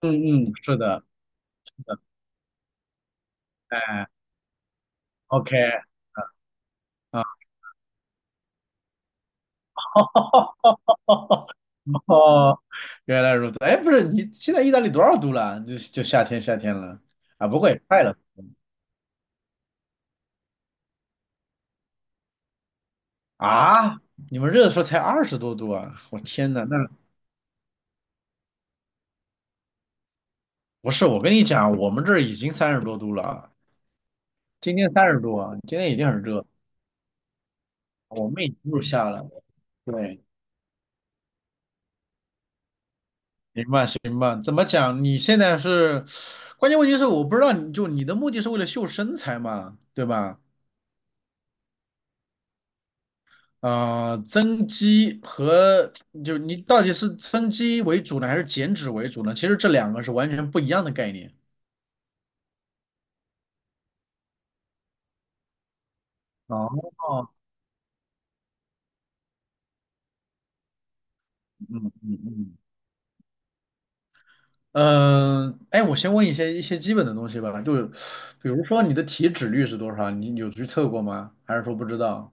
嗯嗯，是的，是的，哎，OK，啊，哦，原来如此。哎，不是，你现在意大利多少度了？就夏天了啊，不过也快了。啊，你们热的时候才20多度啊，我天呐。那不是，我跟你讲，我们这儿已经30多度了啊，今天30度啊，今天已经很热，我们已经入夏了，对。行吧，行吧，怎么讲？你现在是，关键问题是我不知道你的目的是为了秀身材嘛，对吧？呃，增肌和就你到底是增肌为主呢，还是减脂为主呢？其实这两个是完全不一样的概念。哦。嗯嗯嗯。嗯，哎，我先问一些基本的东西吧，就是比如说你的体脂率是多少？你有去测过吗？还是说不知道？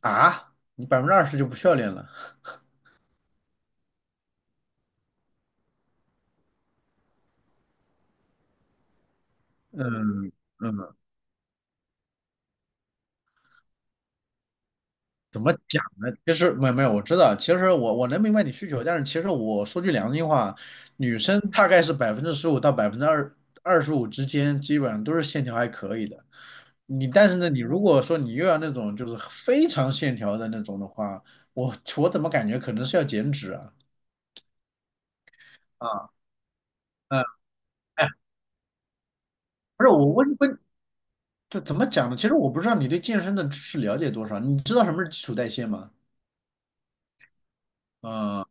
啊，你20%就不需要练了？嗯嗯。怎么讲呢？其实没有没有，我知道，其实我能明白你需求，但是其实我说句良心话，女生大概是15%到百分之二十五之间，基本上都是线条还可以的。你但是呢，你如果说你又要那种就是非常线条的那种的话，我怎么感觉可能是要减脂啊？啊。嗯。哎，不是，我问问，就怎么讲呢？其实我不知道你对健身的知识了解多少，你知道什么是基础代谢吗？嗯。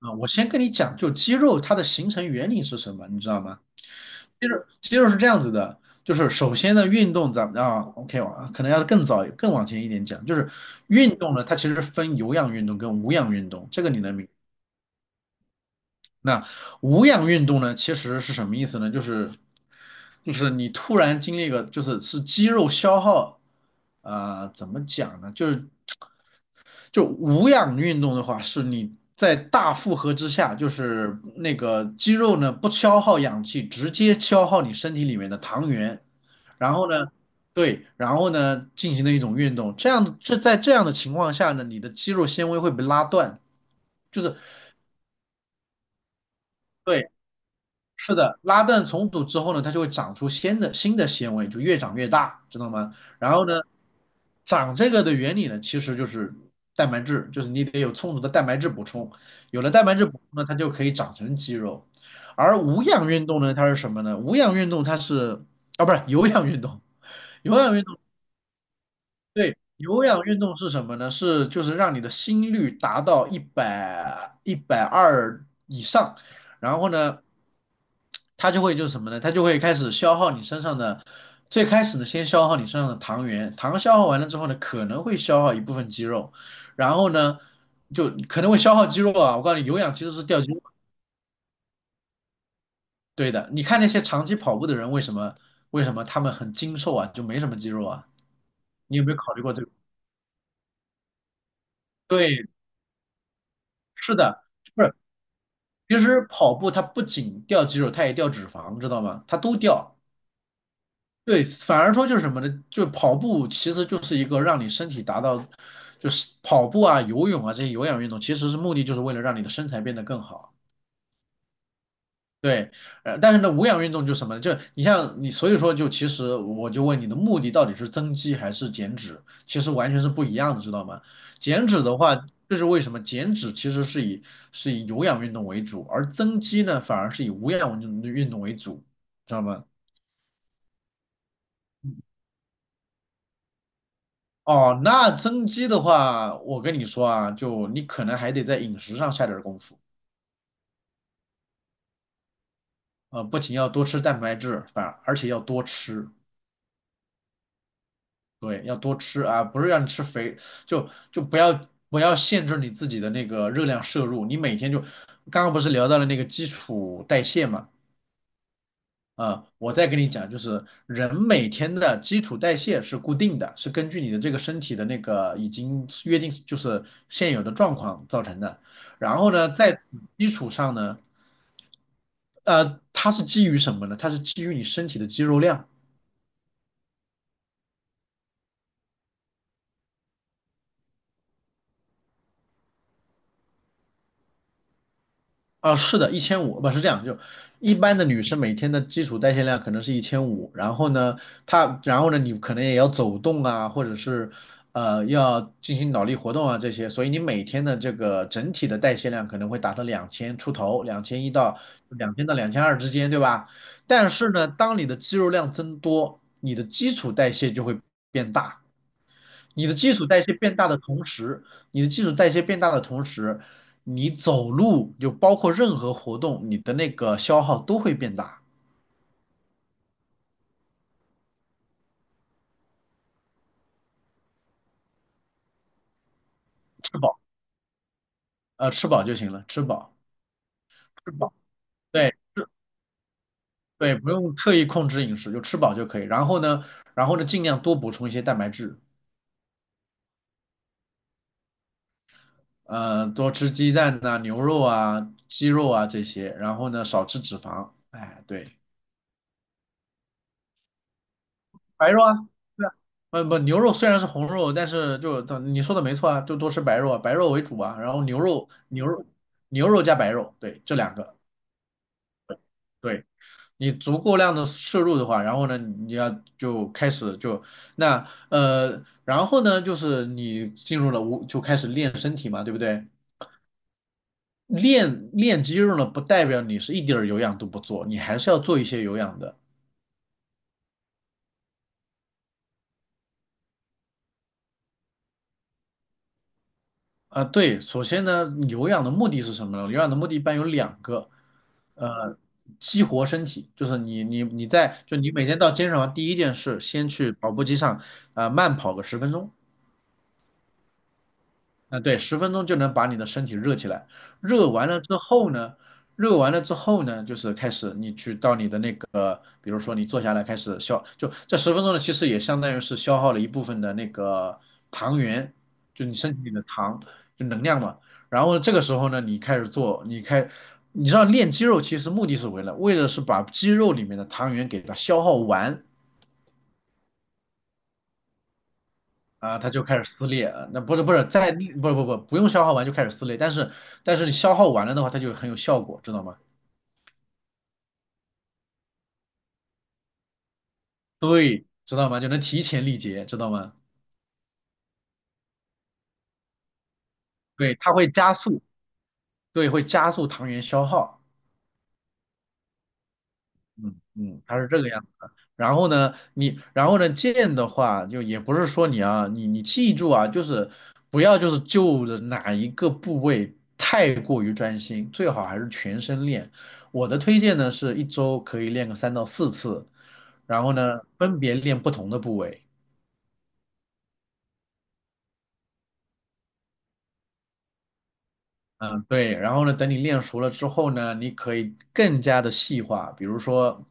啊，我先跟你讲，就肌肉它的形成原理是什么，你知道吗？肌肉是这样子的，就是首先呢，运动咱们啊，OK，我啊可能要更早更往前一点讲，就是运动呢，它其实分有氧运动跟无氧运动，这个你能明白？那无氧运动呢，其实是什么意思呢？就是你突然经历一个，就是肌肉消耗。啊、怎么讲呢？就是无氧运动的话，是你在大负荷之下，就是那个肌肉呢不消耗氧气，直接消耗你身体里面的糖原，然后呢，对，然后呢进行的一种运动，这样。这在这样的情况下呢，你的肌肉纤维会被拉断，就是对。是的，拉断重组之后呢，它就会长出新的纤维，就越长越大，知道吗？然后呢，长这个的原理呢，其实就是蛋白质，就是你得有充足的蛋白质补充，有了蛋白质补充呢，它就可以长成肌肉。而无氧运动呢，它是什么呢？无氧运动它是啊，不是有氧运动有氧运动对。有氧运动是什么呢？是就是让你的心率达到100、120以上，然后呢。它就会就是什么呢？它就会开始消耗你身上的，最开始呢，先消耗你身上的糖原，糖消耗完了之后呢，可能会消耗一部分肌肉，然后呢，就可能会消耗肌肉啊。我告诉你，有氧其实是掉肌肉，对的。你看那些长期跑步的人，为什么他们很精瘦啊，就没什么肌肉啊？你有没有考虑过这个？对，是的，不是，其实跑步它不仅掉肌肉，它也掉脂肪，知道吗？它都掉。对，反而说就是什么呢？就跑步其实就是一个让你身体达到，就是跑步啊、游泳啊这些有氧运动，其实是目的就是为了让你的身材变得更好。对，但是呢，无氧运动就是什么呢？就你像你，所以说就其实我就问你的目的到底是增肌还是减脂？其实完全是不一样的，知道吗？减脂的话，这是为什么？减脂其实是以有氧运动为主，而增肌呢反而是以无氧运动为主，知道吗？哦，那增肌的话，我跟你说啊，就你可能还得在饮食上下点儿功夫。不仅要多吃蛋白质，反而且要多吃，对，要多吃啊，不是让你吃肥，就不要限制你自己的那个热量摄入，你每天就，刚刚不是聊到了那个基础代谢嘛。啊，我再跟你讲，就是人每天的基础代谢是固定的，是根据你的这个身体的那个已经约定，就是现有的状况造成的。然后呢，在基础上呢，它是基于什么呢？它是基于你身体的肌肉量。啊，是的，一千五不是这样，就一般的女生每天的基础代谢量可能是一千五，然后呢，她然后呢，你可能也要走动啊，或者是要进行脑力活动啊这些，所以你每天的这个整体的代谢量可能会达到两千出头，2100到2200之间，对吧？但是呢，当你的肌肉量增多，你的基础代谢就会变大。你的基础代谢变大的同时，你的基础代谢变大的同时，你走路就包括任何活动，你的那个消耗都会变大。吃饱，吃饱就行了，吃饱，吃饱，对，吃，对，不用特意控制饮食，就吃饱就可以。然后呢，然后呢，尽量多补充一些蛋白质，多吃鸡蛋呐、牛肉啊、鸡肉啊这些，然后呢，少吃脂肪。哎，对。白肉啊，对啊，不不，牛肉虽然是红肉，但是就你说的没错啊，就多吃白肉啊，白肉为主啊，然后牛肉加白肉，对，这两个，对。你足够量的摄入的话，然后呢，你要就开始就那然后呢，就是你进入了无就开始练身体嘛，对不对？练练肌肉呢，不代表你是一点儿有氧都不做，你还是要做一些有氧的。啊，对，首先呢，有氧的目的是什么呢？有氧的目的一般有两个。呃，激活身体，就是你你你在就你每天到健身房第一件事，先去跑步机上啊、慢跑个十分钟。啊，对，十分钟就能把你的身体热起来。热完了之后呢，就是开始你去到你的那个，比如说你坐下来开始消，就这十分钟呢，其实也相当于是消耗了一部分的那个糖原，就你身体里的糖，就能量嘛。然后这个时候呢，你开始做，你开，你知道练肌肉其实目的是为了把肌肉里面的糖原给它消耗完。啊，它就开始撕裂，那不是不是在不用消耗完就开始撕裂，但是你消耗完了的话，它就很有效果，知道吗？对，知道吗？就能提前力竭，知道吗？对，它会加速，对，会加速糖原消耗。嗯嗯，它是这个样子的。然后呢，你然后呢，剑的话就也不是说你啊，你记住啊，就是不要就是就着哪一个部位太过于专心，最好还是全身练。我的推荐呢是一周可以练个3到4次。然后呢，分别练不同的部位。嗯，对。然后呢，等你练熟了之后呢，你可以更加的细化。比如说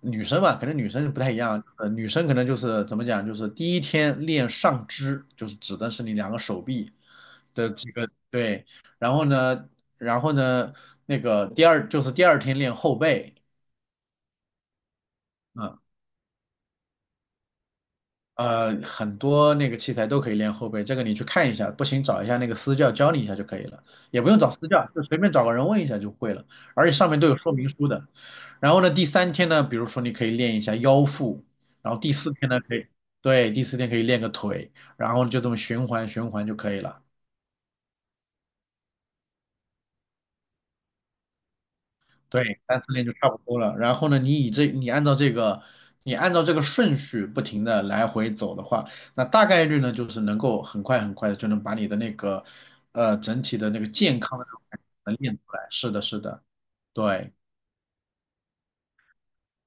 女生吧，可能女生不太一样。女生可能就是怎么讲，就是第一天练上肢，就是指的是你两个手臂的几个对。然后呢，然后呢，那个第二就是第二天练后背。嗯。很多那个器材都可以练后背，这个你去看一下，不行找一下那个私教教你一下就可以了，也不用找私教，就随便找个人问一下就会了，而且上面都有说明书的。然后呢，第三天呢，比如说你可以练一下腰腹，然后第四天呢可以，对，第四天可以练个腿，然后就这么循环循环就可以了。对，3、4练就差不多了。然后呢，你按照这个顺序不停的来回走的话，那大概率呢就是能够很快很快的就能把你的那个整体的那个健康的那种感觉能练出来。是的，是的，对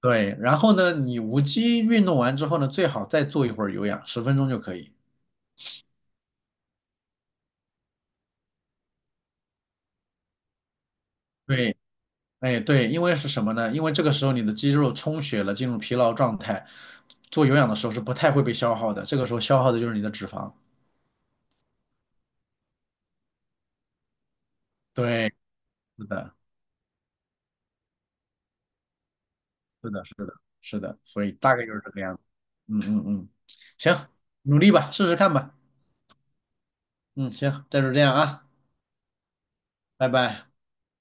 对。然后呢，你无机运动完之后呢，最好再做一会儿有氧，十分钟就可以。对，哎对，因为是什么呢？因为这个时候你的肌肉充血了，进入疲劳状态，做有氧的时候是不太会被消耗的，这个时候消耗的就是你的脂肪。对。是的，是的，是的，是的，所以大概就是这个样子。嗯嗯嗯，行，努力吧，试试看吧。嗯，行，那就这样啊，拜拜。